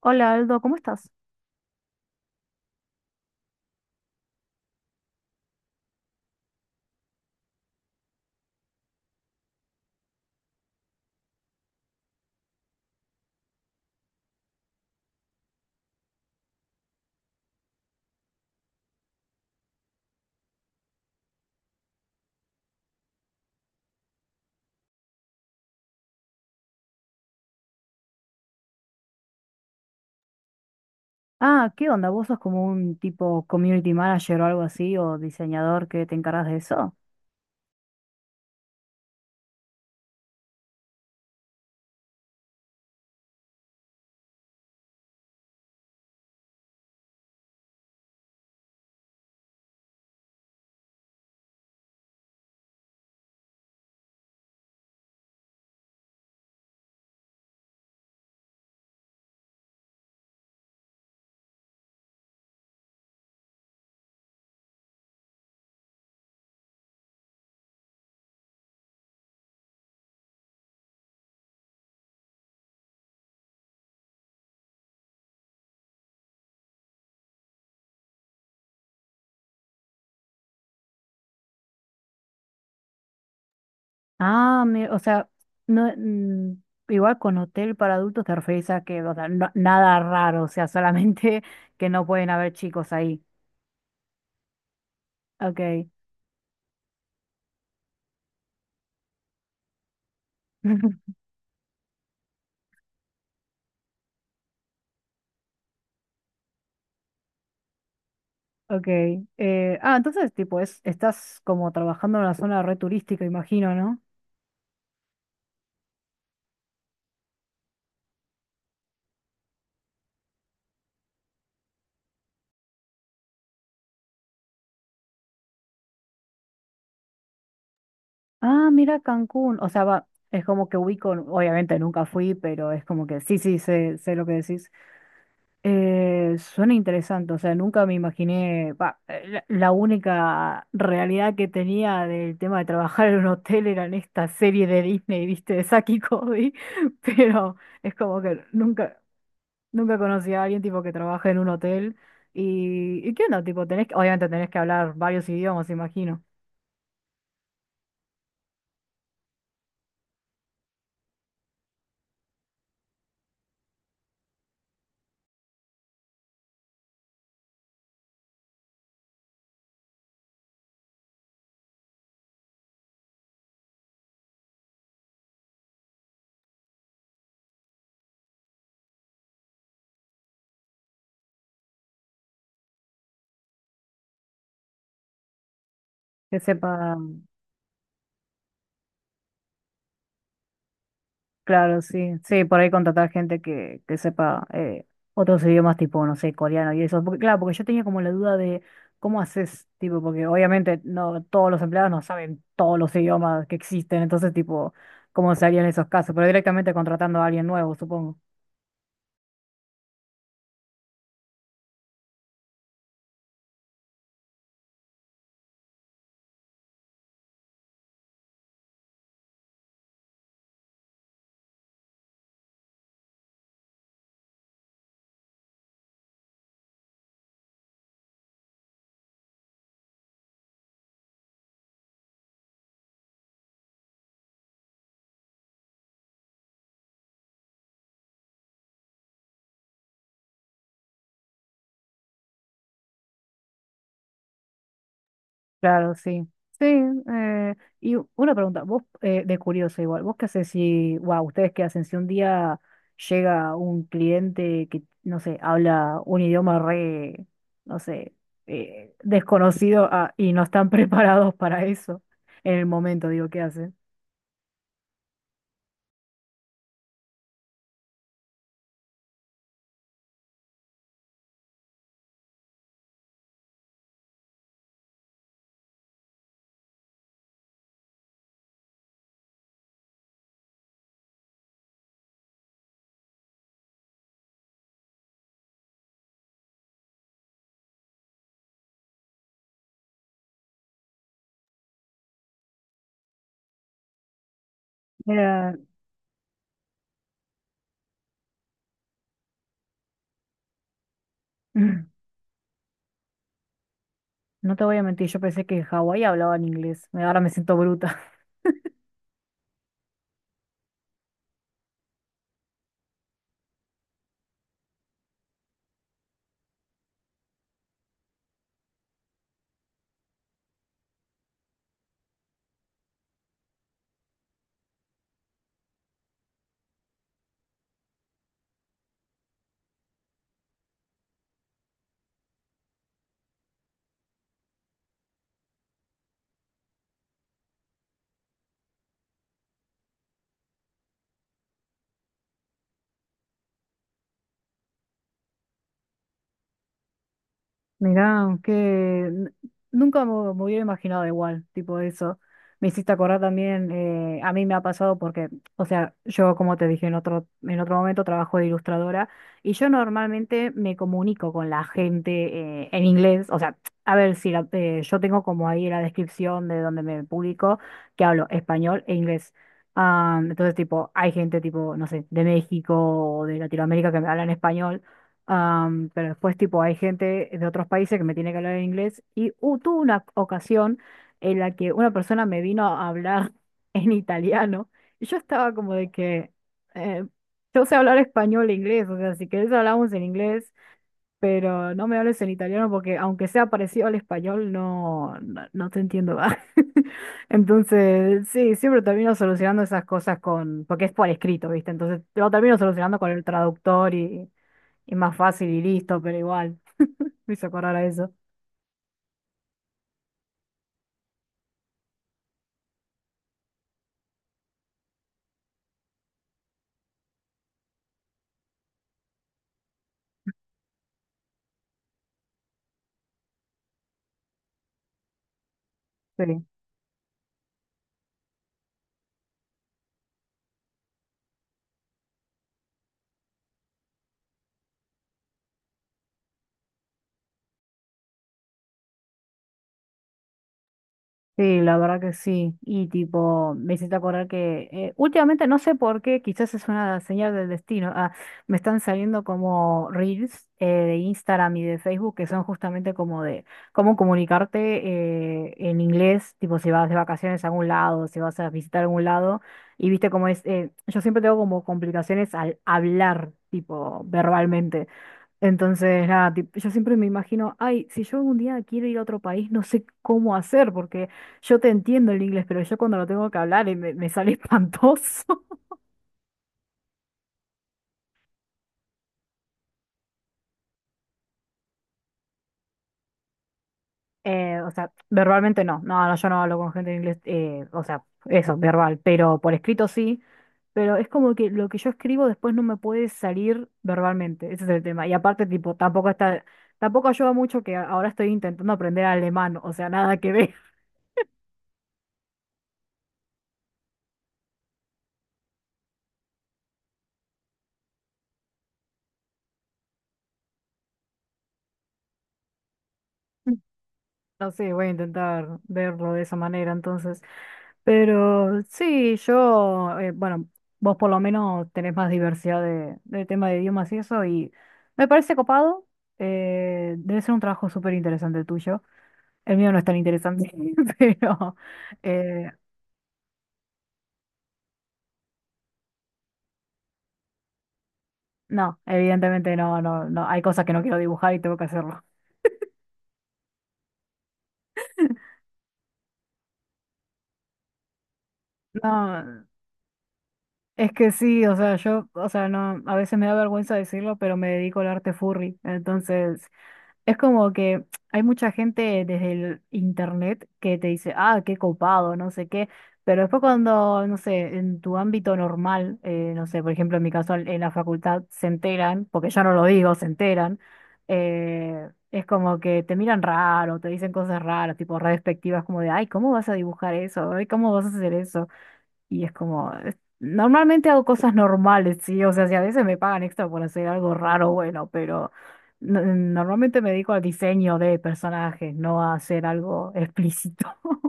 Hola Aldo, ¿cómo estás? Ah, ¿qué onda? ¿Vos sos como un tipo community manager o algo así, o diseñador que te encargas de eso? O sea, no, igual con hotel para adultos te referís a que, o sea, nada raro, o sea, solamente que no pueden haber chicos ahí. Ok, ok. Entonces, tipo, estás como trabajando en una zona re turística, imagino, ¿no? Ah, mira Cancún, o sea, va, es como que ubico, obviamente nunca fui, pero es como que sí, sí, sé lo que decís. Suena interesante, o sea, nunca me imaginé, la única realidad que tenía del tema de trabajar en un hotel era en esta serie de Disney, viste, de Saki y Cody, pero es como que nunca conocí a alguien tipo que trabaja en un hotel ¿y qué onda? Tipo, obviamente tenés que hablar varios idiomas, imagino, que sepa. Claro, sí, sí, por ahí contratar gente que, sepa otros idiomas tipo, no sé, coreano y eso. Porque, claro, porque yo tenía como la duda de cómo haces, tipo, porque obviamente no todos los empleados no saben todos los idiomas que existen, entonces, tipo, cómo se harían esos casos, pero directamente contratando a alguien nuevo, supongo. Claro, sí. Sí, y una pregunta, de curioso igual, ¿vos qué hacés si, wow, ustedes qué hacen si un día llega un cliente que, no sé, habla un idioma re, no sé, desconocido y no están preparados para eso en el momento, digo, ¿qué hacen? Mira, no te voy a mentir, yo pensé que en Hawái hablaban inglés, ahora me siento bruta. Mirá, nunca me hubiera imaginado igual, tipo eso. Me hiciste acordar también, a mí me ha pasado porque, o sea, yo como te dije en en otro momento, trabajo de ilustradora y yo normalmente me comunico con la gente en inglés, o sea, a ver si la- yo tengo como ahí la descripción de donde me publico, que hablo español e inglés. Ah, entonces, tipo, hay gente tipo, no sé, de México o de Latinoamérica que me hablan español. Am, pero después, tipo, hay gente de otros países que me tiene que hablar en inglés. Y tuve una ocasión en la que una persona me vino a hablar en italiano. Y yo estaba como de que eh, yo sé hablar español e inglés. O sea, si querés hablamos en inglés, pero no me hables en italiano porque aunque sea parecido al español, no, no, no te entiendo. ¿Va? Entonces, sí, siempre termino solucionando esas cosas con, porque es por escrito, ¿viste? Entonces lo termino solucionando con el traductor y más fácil y listo, pero igual, me hizo acordar a eso. Sí. Sí, la verdad que sí. Y tipo, me hiciste acordar que últimamente no sé por qué, quizás es una señal del destino. Ah, me están saliendo como reels de Instagram y de Facebook que son justamente como de cómo comunicarte en inglés, tipo si vas de vacaciones a algún lado, si vas a visitar algún lado. Y viste cómo es, yo siempre tengo como complicaciones al hablar, tipo verbalmente. Entonces, nada, yo siempre me imagino, ay, si yo algún día quiero ir a otro país, no sé cómo hacer, porque yo te entiendo el inglés, pero yo cuando lo tengo que hablar me sale espantoso. O sea, verbalmente no, no, no, yo no hablo con gente en inglés, o sea, eso, verbal, pero por escrito sí, pero es como que lo que yo escribo después no me puede salir verbalmente, ese es el tema. Y aparte, tipo, tampoco ayuda mucho que ahora estoy intentando aprender alemán, o sea, nada que ver. No sé, voy a intentar verlo de esa manera entonces. Pero sí, yo, bueno, vos por lo menos tenés más diversidad de tema de idiomas y eso, y me parece copado. Eh, debe ser un trabajo súper interesante el tuyo. El mío no es tan interesante, pero eh, no, evidentemente no, no, no. Hay cosas que no quiero dibujar y tengo que hacerlo. No, es que sí, o sea, yo, o sea, no, a veces me da vergüenza decirlo, pero me dedico al arte furry, entonces. Es como que hay mucha gente desde el internet que te dice, ah, qué copado, no sé qué, pero después cuando, no sé, en tu ámbito normal, no sé, por ejemplo, en mi caso en la facultad se enteran, porque yo no lo digo, se enteran, es como que te miran raro, te dicen cosas raras, tipo re despectivas, como de, ay, ¿cómo vas a dibujar eso? Ay, ¿cómo vas a hacer eso? Y es como, normalmente hago cosas normales, sí, o sea, si a veces me pagan extra por hacer algo raro, bueno, pero normalmente me dedico al diseño de personajes, no a hacer algo explícito.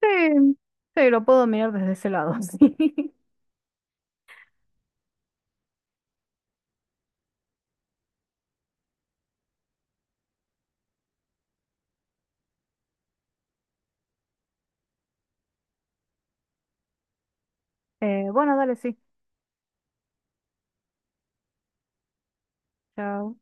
Sí, sí, lo puedo mirar desde ese lado, sí. Bueno, dale, sí. Chao.